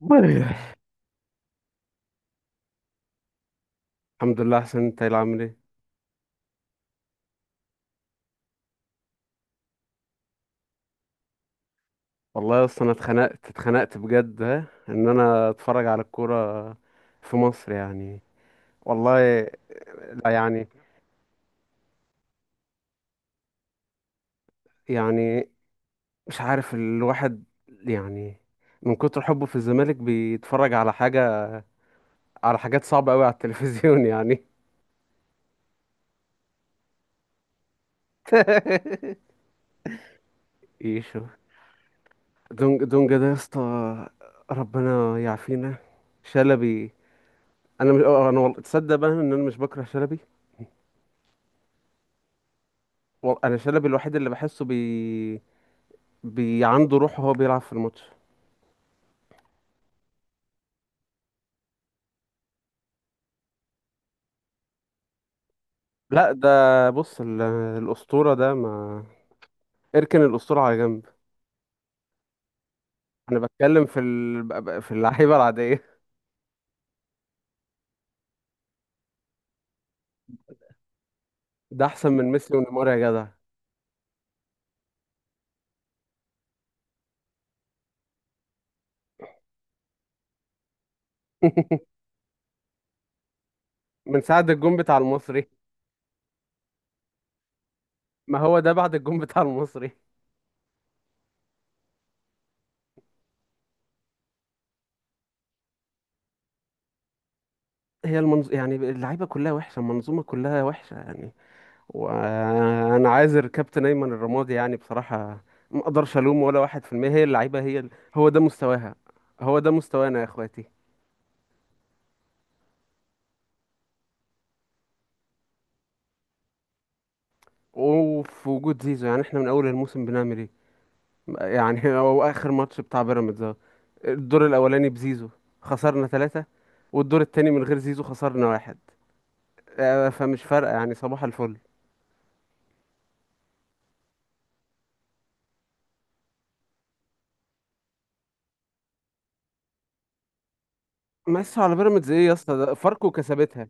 والله. الحمد لله احسن، انت إيه اللي عامل ايه؟ والله اصلا انا اتخنقت بجد ها انا اتفرج على الكوره في مصر يعني. والله. لا يعني. يعني مش عارف الواحد، يعني من كتر حبه في الزمالك بيتفرج على حاجه، على حاجات صعبه قوي على التلفزيون يعني. يشو. دونجا ده يا اسطى، ربنا يعافينا. شلبي، انا مش انا، والله تصدق بقى ان انا مش بكره شلبي. انا شلبي الوحيد اللي بحسه بي عنده روح وهو بيلعب في الماتش. لا ده، بص الأسطورة ده، ما اركن الأسطورة على جنب. أنا بتكلم في في اللعيبة العادية. ده أحسن من ميسي ونيمار يا جدع. من ساعة الجون بتاع المصري. ما هو ده بعد الجون بتاع المصري. يعني اللعيبة كلها وحشة، المنظومة كلها وحشة يعني. وأنا عايزر كابتن أيمن الرمادي يعني بصراحة. ما أقدرش ألوم ولا واحد في المية، هي اللعيبة، هو ده مستواها، هو ده مستوانا يا إخواتي. وفي وجود زيزو يعني احنا من اول الموسم بنعمل ايه؟ يعني هو اخر ماتش بتاع بيراميدز اهو. الدور الاولاني بزيزو خسرنا ثلاثة، والدور التاني من غير زيزو خسرنا واحد. آه، فمش فارقة يعني، صباح الفل. مقيسها على بيراميدز ايه يا اسطى؟ ده فاركو كسبتها.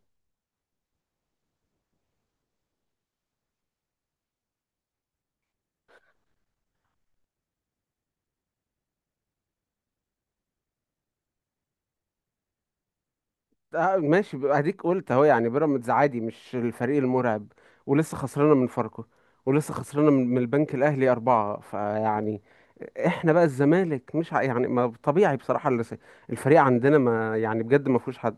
آه، ماشي اديك قلت اهو يعني بيراميدز عادي، مش الفريق المرعب. ولسه خسرانة من فاركو، ولسه خسرانة من البنك الاهلي اربعة فيعني. احنا بقى الزمالك مش ع- يعني ما طبيعي بصراحة الفريق عندنا ما يعني بجد ما فيهوش حد،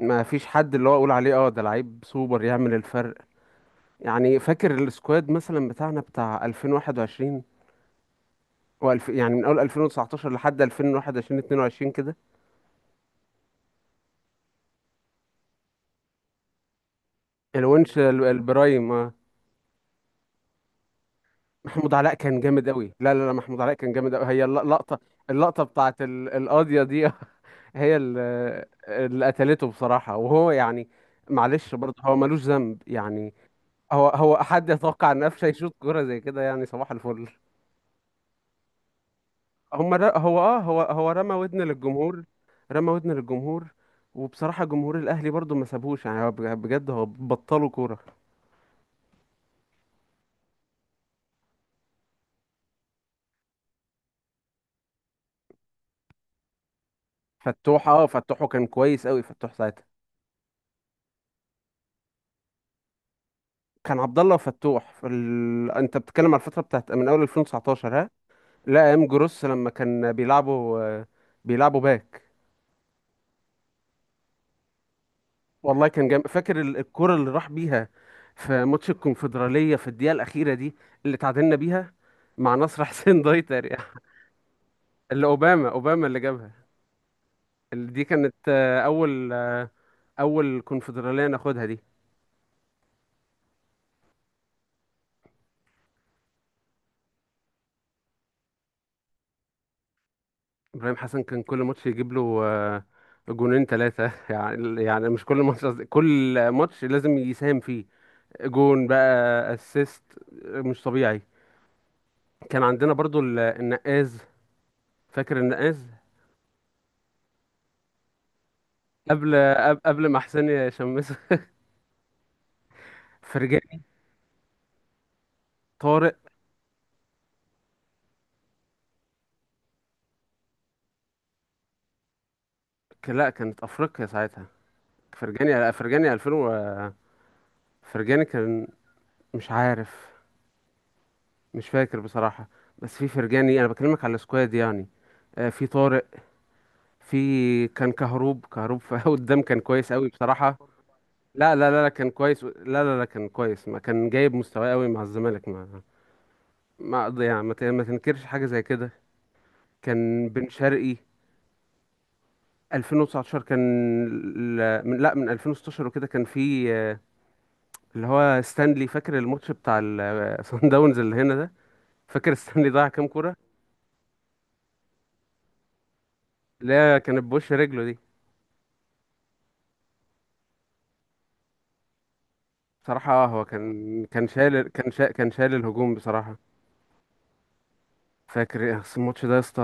ما فيش حد اللي هو اقول عليه اه ده لعيب سوبر يعمل الفرق يعني. فاكر السكواد مثلا بتاعنا بتاع 2021، والف يعني من اول 2019 لحد 2021 22 كده. الونش، البرايم آه. محمود علاء كان جامد قوي. لا لا لا، محمود علاء كان جامد قوي، هي اللقطة. اللقطة بتاعت القاضية دي، هي ال- اللي قتلته بصراحة وهو يعني، معلش برضه هو ملوش ذنب يعني. هو حد يتوقع ان قفشه يشوط كرة زي كده يعني؟ صباح الفل. هم ر... هو اه هو هو رمى ودن للجمهور، رمى ودن للجمهور. وبصراحة جمهور الأهلي برضو ما سابوش يعني، هو بجد هو بطلوا كورة. فتوح اه، فتوحه كان كويس قوي، فتوح ساعتها. كان عبد الله وفتوح في انت بتتكلم على الفترة بتاعت من أول 2019 ها. لا ايام جروس لما كان بيلعبوا آه، بيلعبوا باك. والله كان جامد، فاكر الكورة اللي راح بيها في ماتش الكونفدرالية في الدقيقة الأخيرة دي، اللي تعادلنا بيها مع نصر حسين دايتر يعني. اللي أوباما، أوباما اللي جابها. دي كانت آه، اول آه، اول كونفدراليه ناخدها دي. ابراهيم حسن كان كل ماتش يجيب له آه، جونين ثلاثه، يعني يعني مش كل ماتش قصدي، كل ماتش لازم يساهم فيه. جون بقى، اسيست، مش طبيعي. كان عندنا برضو النقاز، فاكر النقاز. قبل ما حسين يشمسه. فرجاني، طارق. لا كانت افريقيا ساعتها. فرجاني 2000 و- فرجاني كان، مش عارف، مش فاكر بصراحة. بس في فرجاني، انا بكلمك على السكواد يعني. آه، في طارق، في كان كهروب، في قدام كان كويس قوي بصراحة. لا كان كويس، لا. كان كويس، ما كان جايب مستواه قوي مع الزمالك، ما ما أقض- يعني ما تنكرش حاجة زي كده. كان بن شرقي 2019، كان ال- من لا من 2016 وكده كان في آه، اللي هو ستانلي. فاكر الماتش بتاع الصن داونز اللي هنا ده، فاكر ستانلي ضيع كام كورة. لا كانت بوش رجله. بصراحة آه، هو كان كان شايل الهجوم بصراحة. فاكر إيه، أصل الماتش ده يا اسطى؟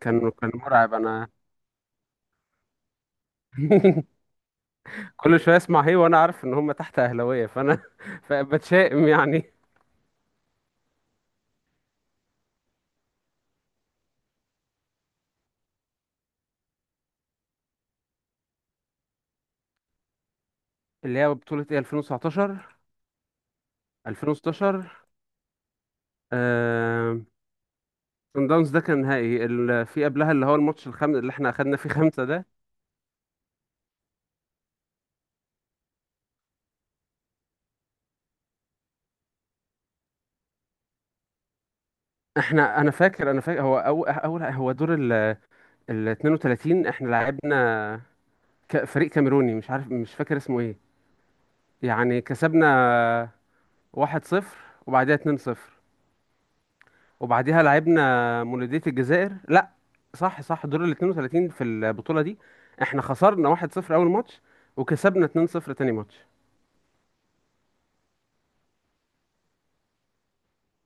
كان مرعب. انا كل شوية اسمع هي، وانا عارف ان هم تحت اهلاوية، فانا فبتشائم يعني. اللي هي بطولة ايه، 2019؟ 2016. آه... صن داونز ده كان نهائي في قبلها اللي هو الماتش الخامس اللي احنا اخدنا فيه خمسة ده. احنا، انا فاكر انا فاكر هو اول اول هو دور ال 32 احنا لعبنا فريق كاميروني مش عارف، مش فاكر اسمه ايه يعني. كسبنا واحد صفر، وبعديها اتنين صفر، وبعديها لعبنا مولودية الجزائر. لا صح صح، دور ال 32 في البطولة دي احنا خسرنا واحد صفر أول ماتش، وكسبنا اتنين صفر تاني ماتش.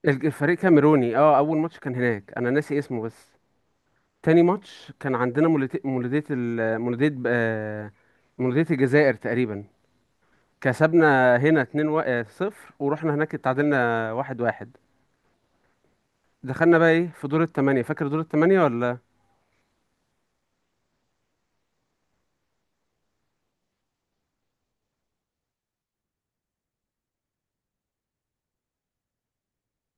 الفريق كاميروني اه أول ماتش كان هناك، أنا ناسي اسمه بس. تاني ماتش كان عندنا مولودية، مولودية آه، مولودية الجزائر تقريبا. كسبنا هنا اتنين آه، صفر، ورحنا هناك اتعادلنا واحد واحد. دخلنا بقى ايه في دور التمانية، فاكر دور التمانية ولا؟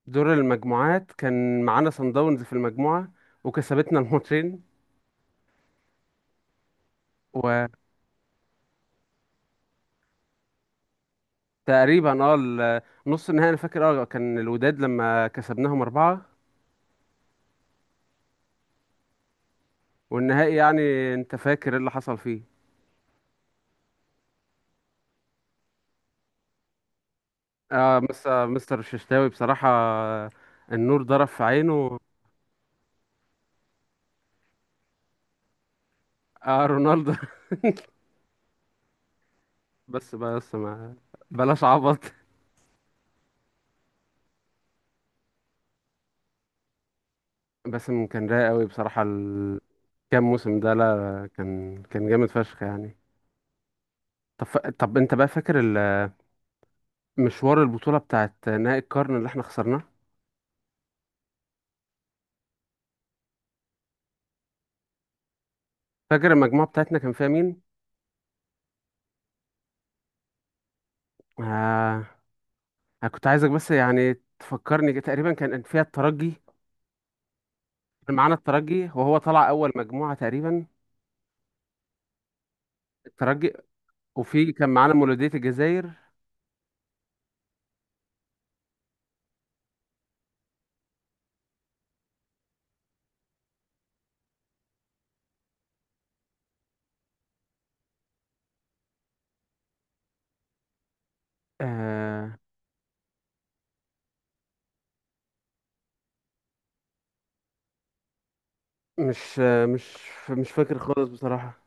دور المجموعات كان معانا صن داونز في المجموعة وكسبتنا الماتشين. وتقريبا اه نص النهائي انا فاكر اه كان الوداد لما كسبناهم أربعة. والنهائي يعني انت فاكر ايه اللي حصل فيه. اه مستر الششتاوي بصراحة، النور ضرب في عينه. اه رونالدو. بس بس ما بلاش عبط. بس كان رايق قوي بصراحة كام موسم ده، لا كان كان جامد فشخ يعني. طب طب انت بقى فاكر مشوار البطولة بتاعت نهائي القرن اللي احنا خسرناه؟ فاكر المجموعة بتاعتنا كان فيها مين؟ آه، أنا كنت عايزك بس يعني تفكرني كده. تقريبا كان فيها الترجي، كان معانا الترجي وهو طلع أول مجموعة تقريبا، الترجي. وفي كان معانا مولودية الجزائر. آه مش مش فاكر خالص بصراحة.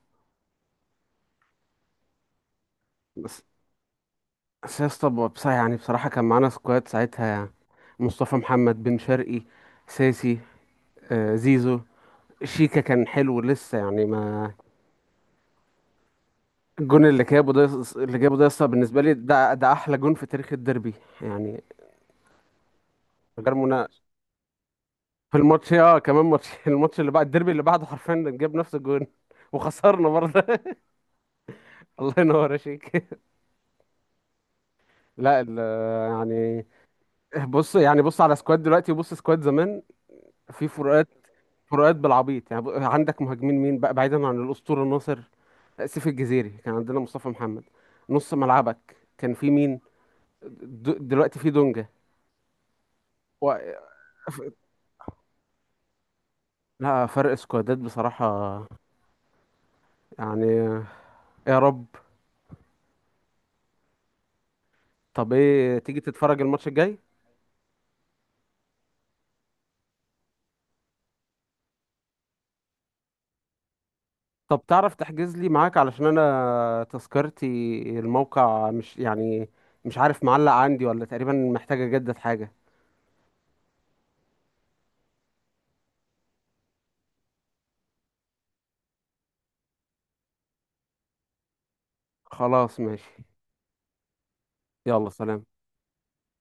بس بس يا اسطى بصراحة يعني، بصراحة كان معانا سكواد ساعتها يعني مصطفى محمد، بن شرقي، ساسي، آه زيزو، شيكا كان حلو لسه يعني ما. الجون اللي جابه ده، اللي جابه ده يسطا بالنسبه لي ده ده احلى جون في تاريخ الديربي يعني، من غير مناقشه. في الماتش اه، كمان ماتش الماتش اللي بعد الديربي اللي بعده حرفيا جاب نفس الجون. وخسرنا برضه. الله ينور يا شيك. لا ال- يعني بص، يعني بص على سكواد دلوقتي وبص سكواد زمان، في فروقات، فروقات بالعبيط يعني. عندك مهاجمين مين بقى بعيدا عن الاسطوره ناصر؟ سيف الجزيري، كان عندنا مصطفى محمد. نص ملعبك كان في مين؟ دلوقتي في دونجا. لا فرق سكوادات بصراحة يعني. يا رب. طب ايه، تيجي تتفرج الماتش الجاي؟ طب تعرف تحجز لي معاك؟ علشان انا تذكرتي، الموقع مش يعني، مش عارف معلق عندي ولا، تقريبا محتاجة اجدد حاجة. خلاص ماشي. يلا سلام.